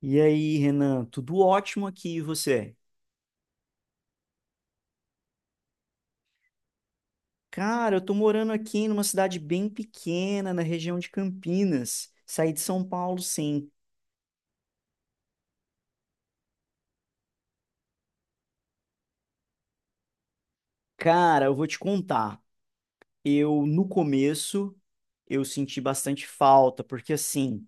E aí, Renan, tudo ótimo aqui, e você? Cara, eu tô morando aqui numa cidade bem pequena, na região de Campinas. Saí de São Paulo, sim. Cara, eu vou te contar. Eu, no começo, eu senti bastante falta, porque assim,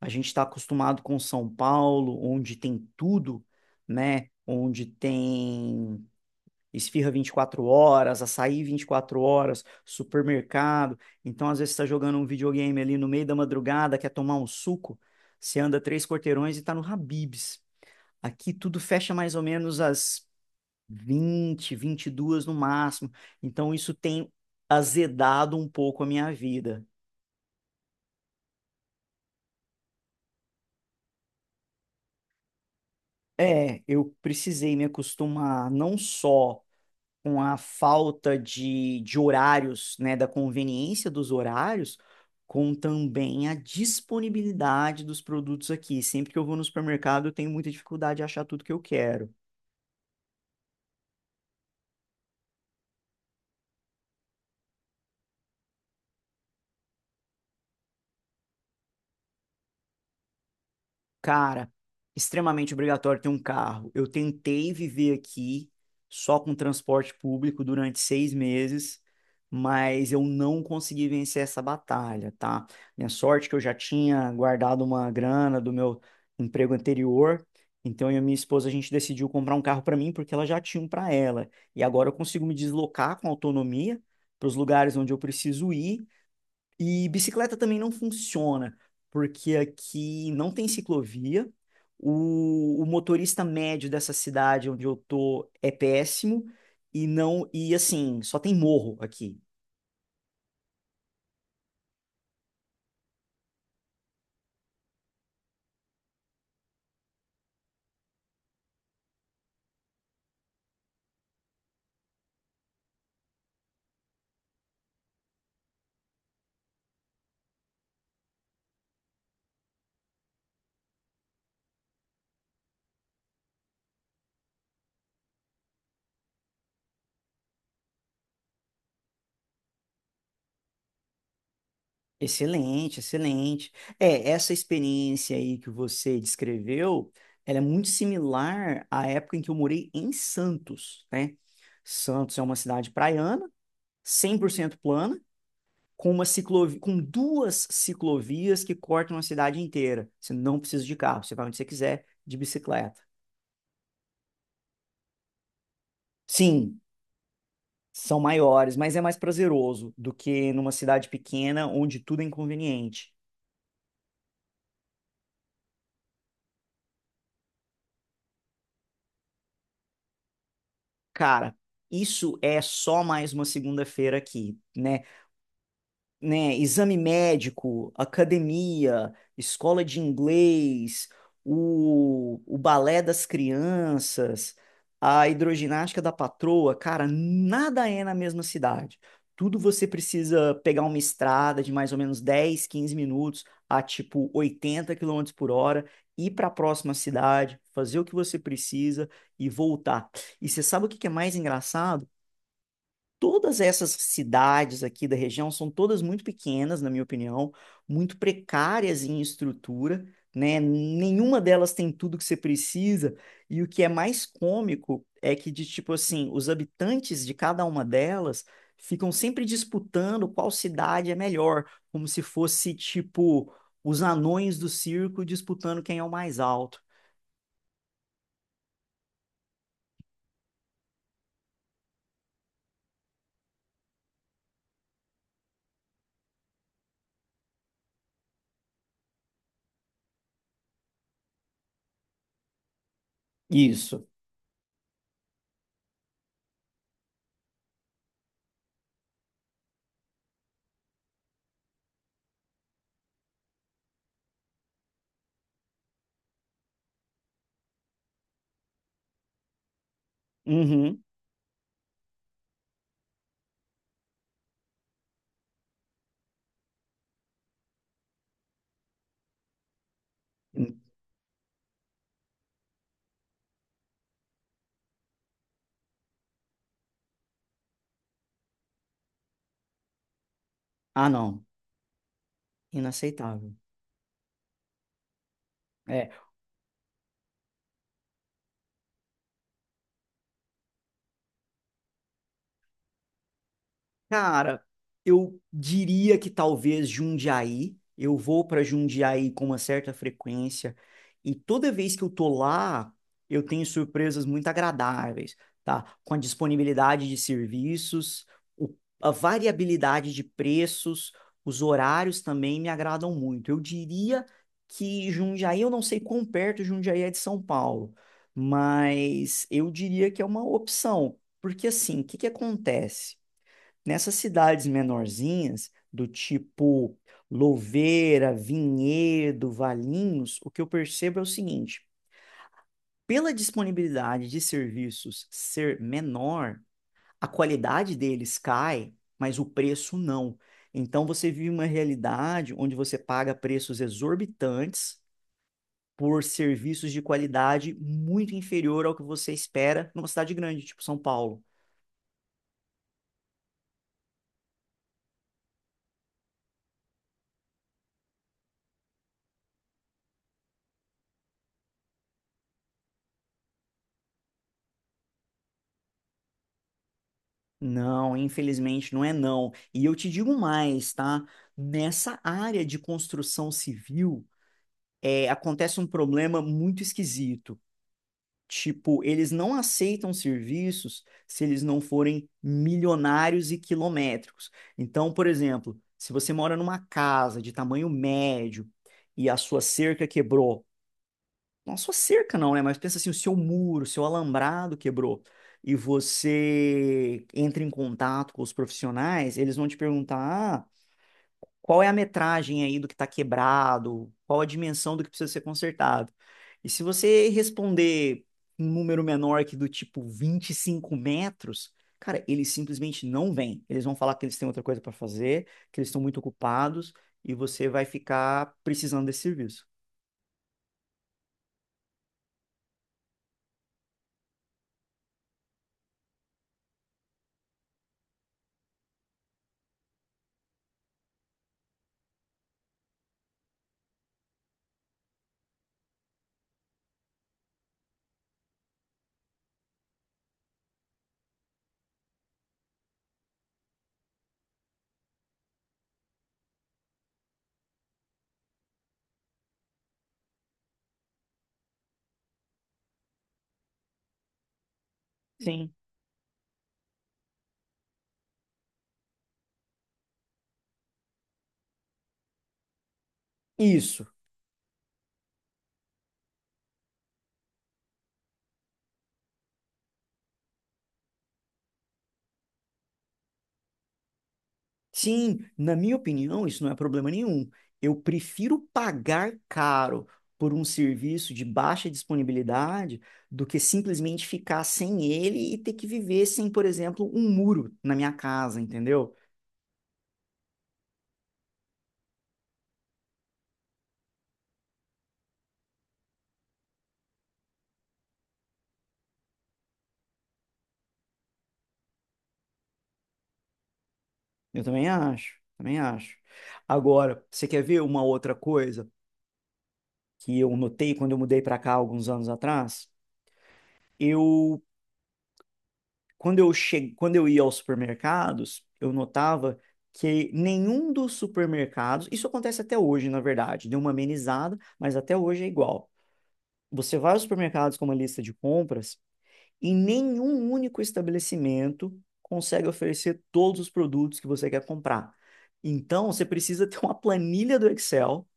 a gente tá acostumado com São Paulo, onde tem tudo, né? Onde tem Esfirra 24 horas, açaí 24 horas, supermercado. Então, às vezes, você está jogando um videogame ali no meio da madrugada, quer tomar um suco, você anda três quarteirões e está no Habib's. Aqui tudo fecha mais ou menos às 20, 22 no máximo. Então, isso tem azedado um pouco a minha vida. É, eu precisei me acostumar não só com a falta de horários, né, da conveniência dos horários, com também a disponibilidade dos produtos aqui. Sempre que eu vou no supermercado, eu tenho muita dificuldade de achar tudo que eu quero. Cara, extremamente obrigatório ter um carro. Eu tentei viver aqui só com transporte público durante 6 meses, mas eu não consegui vencer essa batalha, tá? Minha sorte é que eu já tinha guardado uma grana do meu emprego anterior, então eu e minha esposa a gente decidiu comprar um carro para mim porque ela já tinha um para ela. E agora eu consigo me deslocar com autonomia para os lugares onde eu preciso ir e bicicleta também não funciona, porque aqui não tem ciclovia. O motorista médio dessa cidade onde eu tô é péssimo e não e assim, só tem morro aqui. Excelente, excelente. É, essa experiência aí que você descreveu, ela é muito similar à época em que eu morei em Santos, né? Santos é uma cidade praiana, 100% plana, com uma ciclovia, com duas ciclovias que cortam a cidade inteira. Você não precisa de carro, você vai onde você quiser, de bicicleta. Sim, são maiores, mas é mais prazeroso do que numa cidade pequena onde tudo é inconveniente. Cara, isso é só mais uma segunda-feira aqui, né? Né, Exame médico, academia, escola de inglês, o balé das crianças, a hidroginástica da patroa, cara, nada é na mesma cidade. Tudo você precisa pegar uma estrada de mais ou menos 10, 15 minutos a tipo 80 km/h, ir para a próxima cidade, fazer o que você precisa e voltar. E você sabe o que que é mais engraçado? Todas essas cidades aqui da região são todas muito pequenas, na minha opinião, muito precárias em estrutura, né? Nenhuma delas tem tudo que você precisa. E o que é mais cômico é que, de tipo assim, os habitantes de cada uma delas ficam sempre disputando qual cidade é melhor, como se fosse, tipo, os anões do circo disputando quem é o mais alto. Isso. Uhum. Ah, não. Inaceitável. É. Cara, eu diria que talvez Jundiaí. Eu vou para Jundiaí com uma certa frequência e toda vez que eu tô lá, eu tenho surpresas muito agradáveis, tá? Com a disponibilidade de serviços, o- a variabilidade de preços, os horários também me agradam muito. Eu diria que Jundiaí, eu não sei quão perto Jundiaí é de São Paulo, mas eu diria que é uma opção, porque assim, o que que acontece? Nessas cidades menorzinhas, do tipo Louveira, Vinhedo, Valinhos, o que eu percebo é o seguinte: pela disponibilidade de serviços ser menor, a qualidade deles cai, mas o preço não. Então você vive uma realidade onde você paga preços exorbitantes por serviços de qualidade muito inferior ao que você espera numa cidade grande, tipo São Paulo. Não, infelizmente não é não. E eu te digo mais, tá? Nessa área de construção civil, é, acontece um problema muito esquisito. Tipo, eles não aceitam serviços se eles não forem milionários e quilométricos. Então, por exemplo, se você mora numa casa de tamanho médio e a sua cerca quebrou, não só cerca não, né? Mas pensa assim, o seu muro, o seu alambrado quebrou e você entra em contato com os profissionais, eles vão te perguntar, ah, qual é a metragem aí do que está quebrado, qual a dimensão do que precisa ser consertado. E se você responder um número menor que do tipo 25 metros, cara, eles simplesmente não vêm. Eles vão falar que eles têm outra coisa para fazer, que eles estão muito ocupados e você vai ficar precisando desse serviço. Sim. Isso. Sim, na minha opinião, isso não é problema nenhum. Eu prefiro pagar caro por um serviço de baixa disponibilidade do que simplesmente ficar sem ele e ter que viver sem, por exemplo, um muro na minha casa, entendeu? Eu também acho, também acho. Agora, você quer ver uma outra coisa que eu notei quando eu mudei para cá alguns anos atrás? Eu quando eu che... Quando eu ia aos supermercados, eu notava que nenhum dos supermercados, isso acontece até hoje, na verdade, deu uma amenizada, mas até hoje é igual. Você vai aos supermercados com uma lista de compras e nenhum único estabelecimento consegue oferecer todos os produtos que você quer comprar. Então, você precisa ter uma planilha do Excel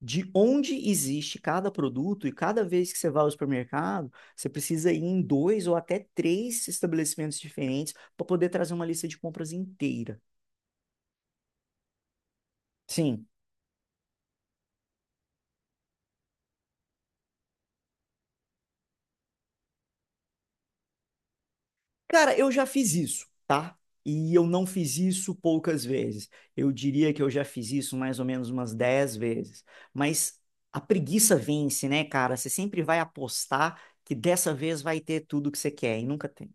de onde existe cada produto e cada vez que você vai ao supermercado, você precisa ir em dois ou até três estabelecimentos diferentes para poder trazer uma lista de compras inteira. Sim. Cara, eu já fiz isso, tá? E eu não fiz isso poucas vezes. Eu diria que eu já fiz isso mais ou menos umas 10 vezes. Mas a preguiça vence, né, cara? Você sempre vai apostar que dessa vez vai ter tudo que você quer e nunca tem.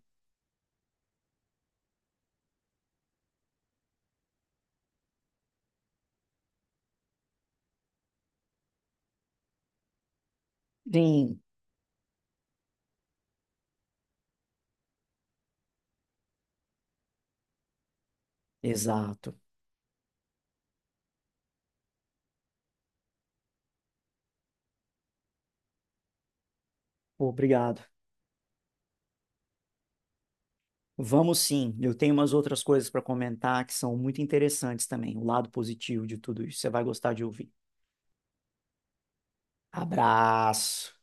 Sim, exato. Pô, Obrigado. Vamos sim, eu tenho umas outras coisas para comentar que são muito interessantes também, o lado positivo de tudo isso. Você vai gostar de ouvir. Abraço!